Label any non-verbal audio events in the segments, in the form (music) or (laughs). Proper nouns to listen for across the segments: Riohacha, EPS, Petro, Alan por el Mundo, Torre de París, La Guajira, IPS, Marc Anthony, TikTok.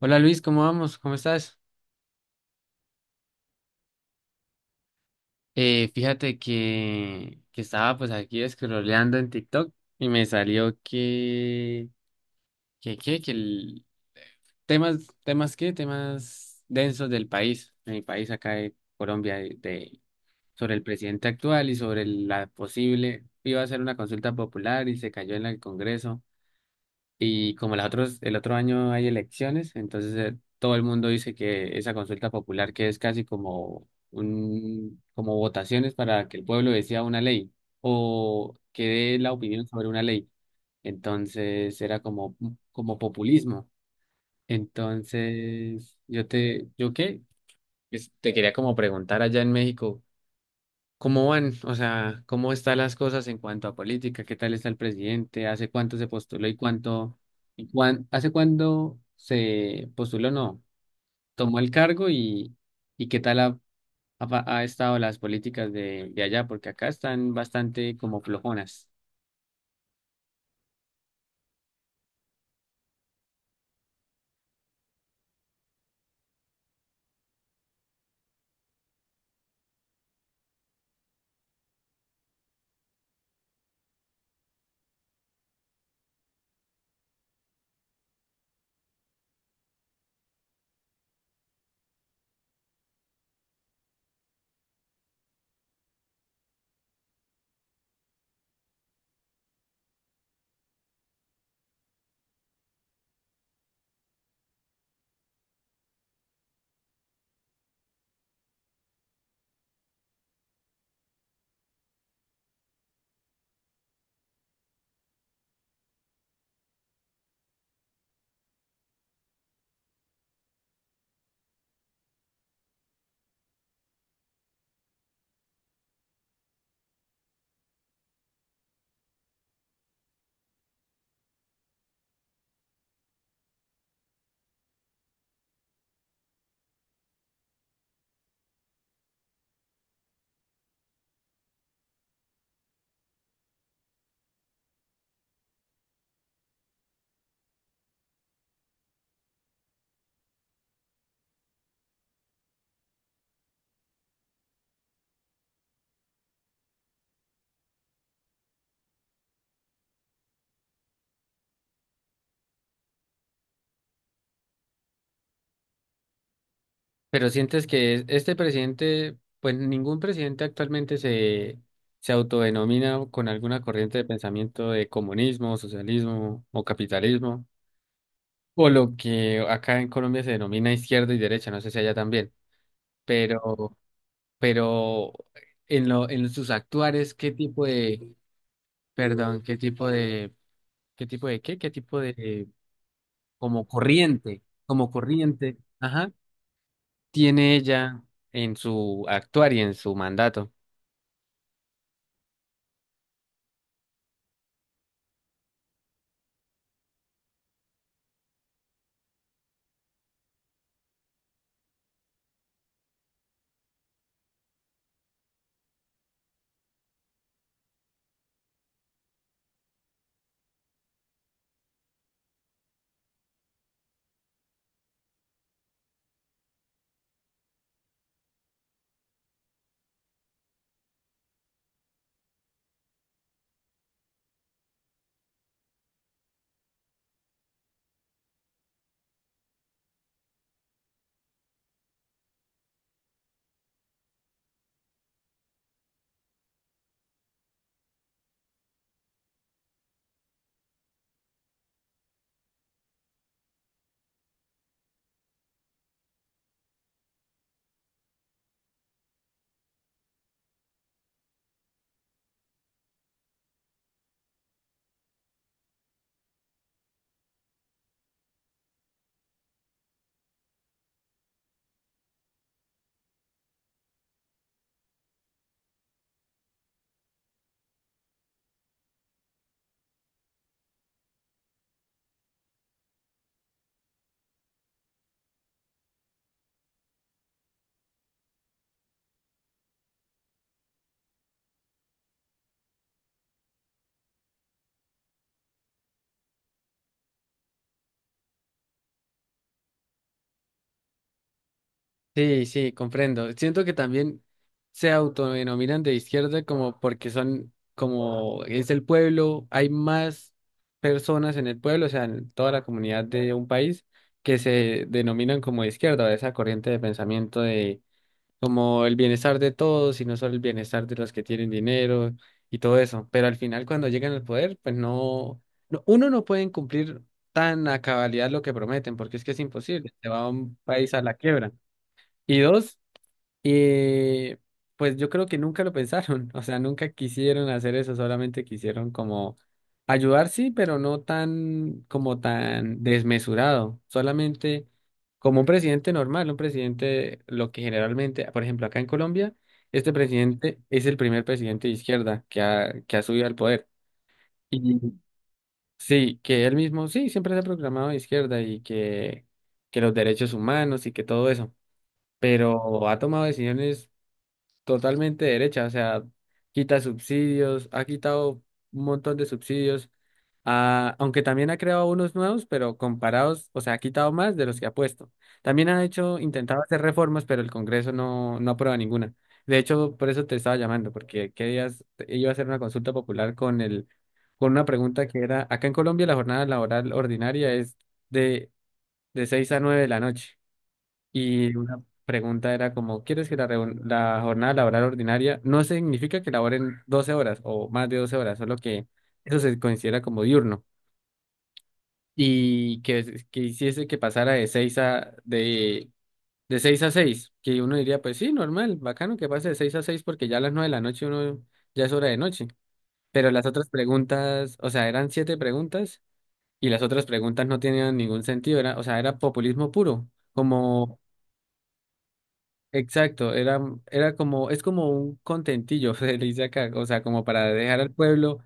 Hola Luis, ¿cómo vamos? ¿Cómo estás? Fíjate que estaba pues aquí scrolleando en TikTok y me salió que temas densos del país, de mi país acá de Colombia, sobre el presidente actual y sobre la posible, iba a hacer una consulta popular y se cayó en el Congreso. Y como las otros, el otro año hay elecciones, entonces todo el mundo dice que esa consulta popular que es casi como como votaciones para que el pueblo decida una ley o que dé la opinión sobre una ley. Entonces era como, como populismo. Entonces, ¿yo qué? Pues, te quería como preguntar allá en México. ¿Cómo van? O sea, ¿cómo están las cosas en cuanto a política? ¿Qué tal está el presidente? ¿Hace cuánto se postuló y hace cuándo se postuló? No, tomó el cargo y qué tal ha estado las políticas de allá, porque acá están bastante como flojonas. Pero sientes que este presidente, pues ningún presidente actualmente se, se autodenomina con alguna corriente de pensamiento de comunismo, socialismo o capitalismo. O lo que acá en Colombia se denomina izquierda y derecha, no sé si allá también, pero, pero en lo, en sus actuares, ¿ qué tipo de, qué tipo de, como corriente, ajá, ¿tiene ella en su actuar y en su mandato? Sí, sí, comprendo. Siento que también se autodenominan de izquierda como porque son, como es el pueblo, hay más personas en el pueblo, o sea, en toda la comunidad de un país que se denominan como de izquierda, o esa corriente de pensamiento de como el bienestar de todos y no solo el bienestar de los que tienen dinero y todo eso. Pero al final cuando llegan al poder, pues no, uno no pueden cumplir tan a cabalidad lo que prometen, porque es que es imposible, se va a un país a la quiebra. Y dos, y pues yo creo que nunca lo pensaron, (laughs) o sea, nunca quisieron hacer eso, solamente quisieron como ayudar, sí, pero no tan como tan desmesurado, solamente como un presidente normal, un presidente, lo que generalmente, por ejemplo, acá en Colombia, este presidente es el primer presidente de izquierda que ha subido al poder. Y sí, que él mismo, sí, siempre se ha proclamado de izquierda y que los derechos humanos y que todo eso, pero ha tomado decisiones totalmente derecha, o sea, quita subsidios, ha quitado un montón de subsidios, ah, aunque también ha creado unos nuevos, pero comparados, o sea, ha quitado más de los que ha puesto. También ha hecho, intentado hacer reformas, pero el Congreso no, no aprueba ninguna. De hecho, por eso te estaba llamando, porque qué días, iba a hacer una consulta popular con el, con una pregunta que era, acá en Colombia la jornada laboral ordinaria es de, de 6 a 9 de la noche. Y una pregunta era como, ¿quieres que la jornada laboral ordinaria no significa que laboren 12 horas o más de 12 horas, solo que eso se considera como diurno y que hiciese que pasara de 6 de 6 a seis? Que uno diría, pues sí, normal, bacano que pase de 6 a 6 porque ya a las 9 de la noche uno ya es hora de noche. Pero las otras preguntas, o sea, eran 7 preguntas y las otras preguntas no tenían ningún sentido, era, o sea, era populismo puro. Como exacto, era, era como, es como un contentillo, (laughs) se le dice acá, o sea, como para dejar al pueblo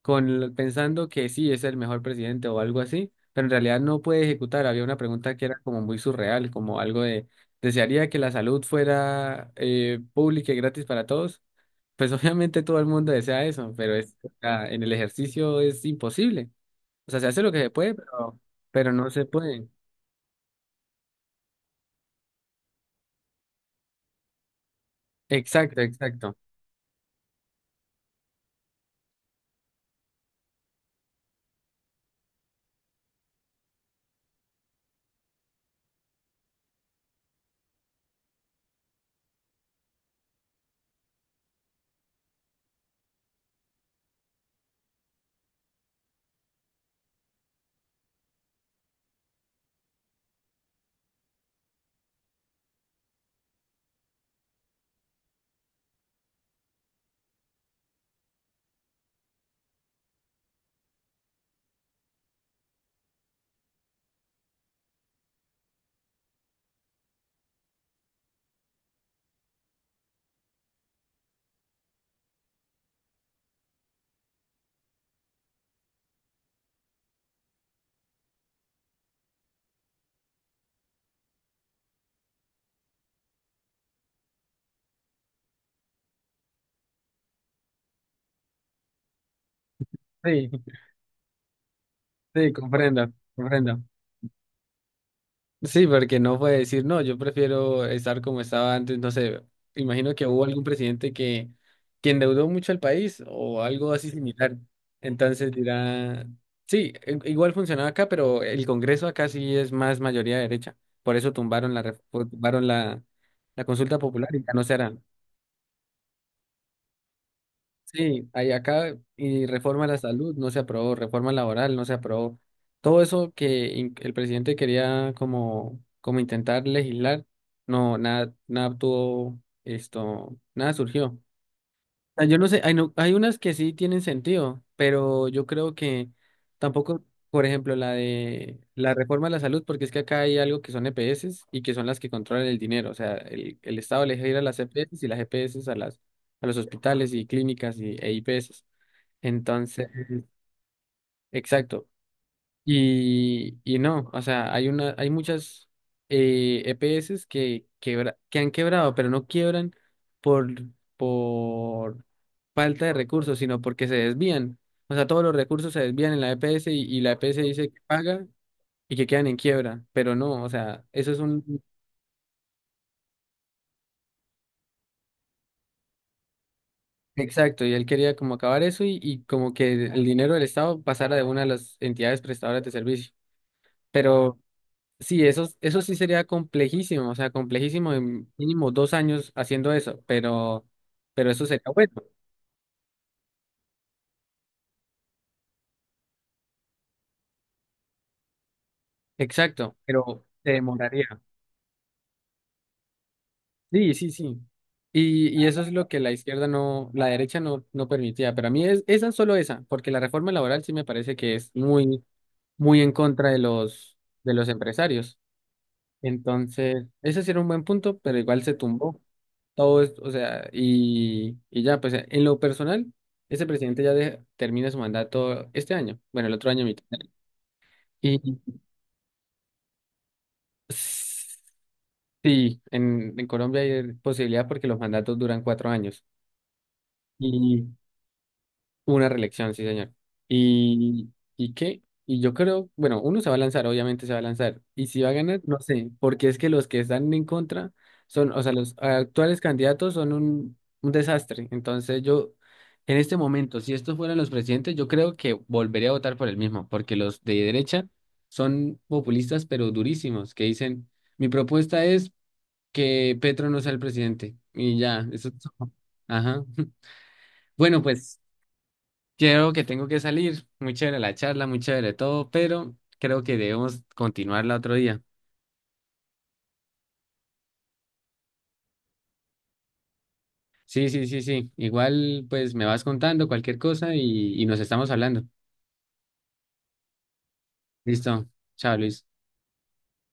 pensando que sí es el mejor presidente o algo así, pero en realidad no puede ejecutar. Había una pregunta que era como muy surreal, como algo de, ¿desearía que la salud fuera pública y gratis para todos? Pues (laughs) obviamente todo el mundo desea eso, pero es, o sea, en el ejercicio es imposible. O sea, se hace lo que se puede, pero no se puede. Exacto, exacto. Sí, (laughs) sí, comprendo, comprendo. Sí, porque no puede decir, no, yo prefiero estar como estaba antes, no sé, imagino que hubo algún presidente que endeudó mucho al país o algo así similar. Entonces dirá, sí, igual funcionaba acá, pero el Congreso acá sí es más mayoría derecha. Por eso tumbaron tumbaron la, la consulta popular y ya no se hará. Sí, hay acá y reforma a la salud no se aprobó, reforma laboral no se aprobó. Todo eso que el presidente quería como, como intentar legislar, no, nada, nada tuvo esto, nada surgió, sea, yo no sé, hay, hay unas que sí tienen sentido, pero yo creo que tampoco, por ejemplo, la de la reforma de la salud, porque es que acá hay algo que son EPS y que son las que controlan el dinero. O sea, el Estado le deja ir a las EPS y las EPS a las, a los hospitales y clínicas y, e IPS. Entonces, exacto. Y no, o sea, hay una, hay muchas EPS que, que han quebrado, pero no quiebran por, por falta de recursos, sino porque se desvían. O sea, todos los recursos se desvían en la EPS y la EPS dice que paga y que quedan en quiebra, pero no, o sea, eso es un... Exacto, y él quería como acabar eso y como que el dinero del Estado pasara de una de las entidades prestadoras de servicio. Pero... Sí, eso sí sería complejísimo, o sea, complejísimo en mínimo 2 años haciendo eso, pero eso sería bueno, exacto, pero se demoraría. Sí, sí, sí. Y eso es lo que la izquierda no, la derecha no, no permitía, pero a mí es esa solo esa, porque la reforma laboral sí me parece que es muy, muy en contra de los empresarios. Entonces, ese sí era un buen punto, pero igual se tumbó. Todo o sea, y ya, pues en lo personal, ese presidente ya termina su mandato este año, bueno, el otro año mitad. Y sí, en Colombia hay posibilidad porque los mandatos duran 4 años. Una reelección, sí, señor. ¿Y, y qué? Y yo creo, bueno, uno se va a lanzar, obviamente se va a lanzar. Y si va a ganar, no sé, porque es que los que están en contra son, o sea, los actuales candidatos son un desastre. Entonces yo, en este momento, si estos fueran los presidentes, yo creo que volvería a votar por el mismo, porque los de derecha son populistas, pero durísimos, que dicen, mi propuesta es que Petro no sea el presidente. Y ya, eso es todo". Ajá. (laughs) Bueno, pues. Creo que tengo que salir. Muy chévere la charla, muy chévere todo, pero creo que debemos continuarla otro día. Sí, sí, sí, sí. Igual, pues me vas contando cualquier cosa y nos estamos hablando. Listo. Chao, Luis.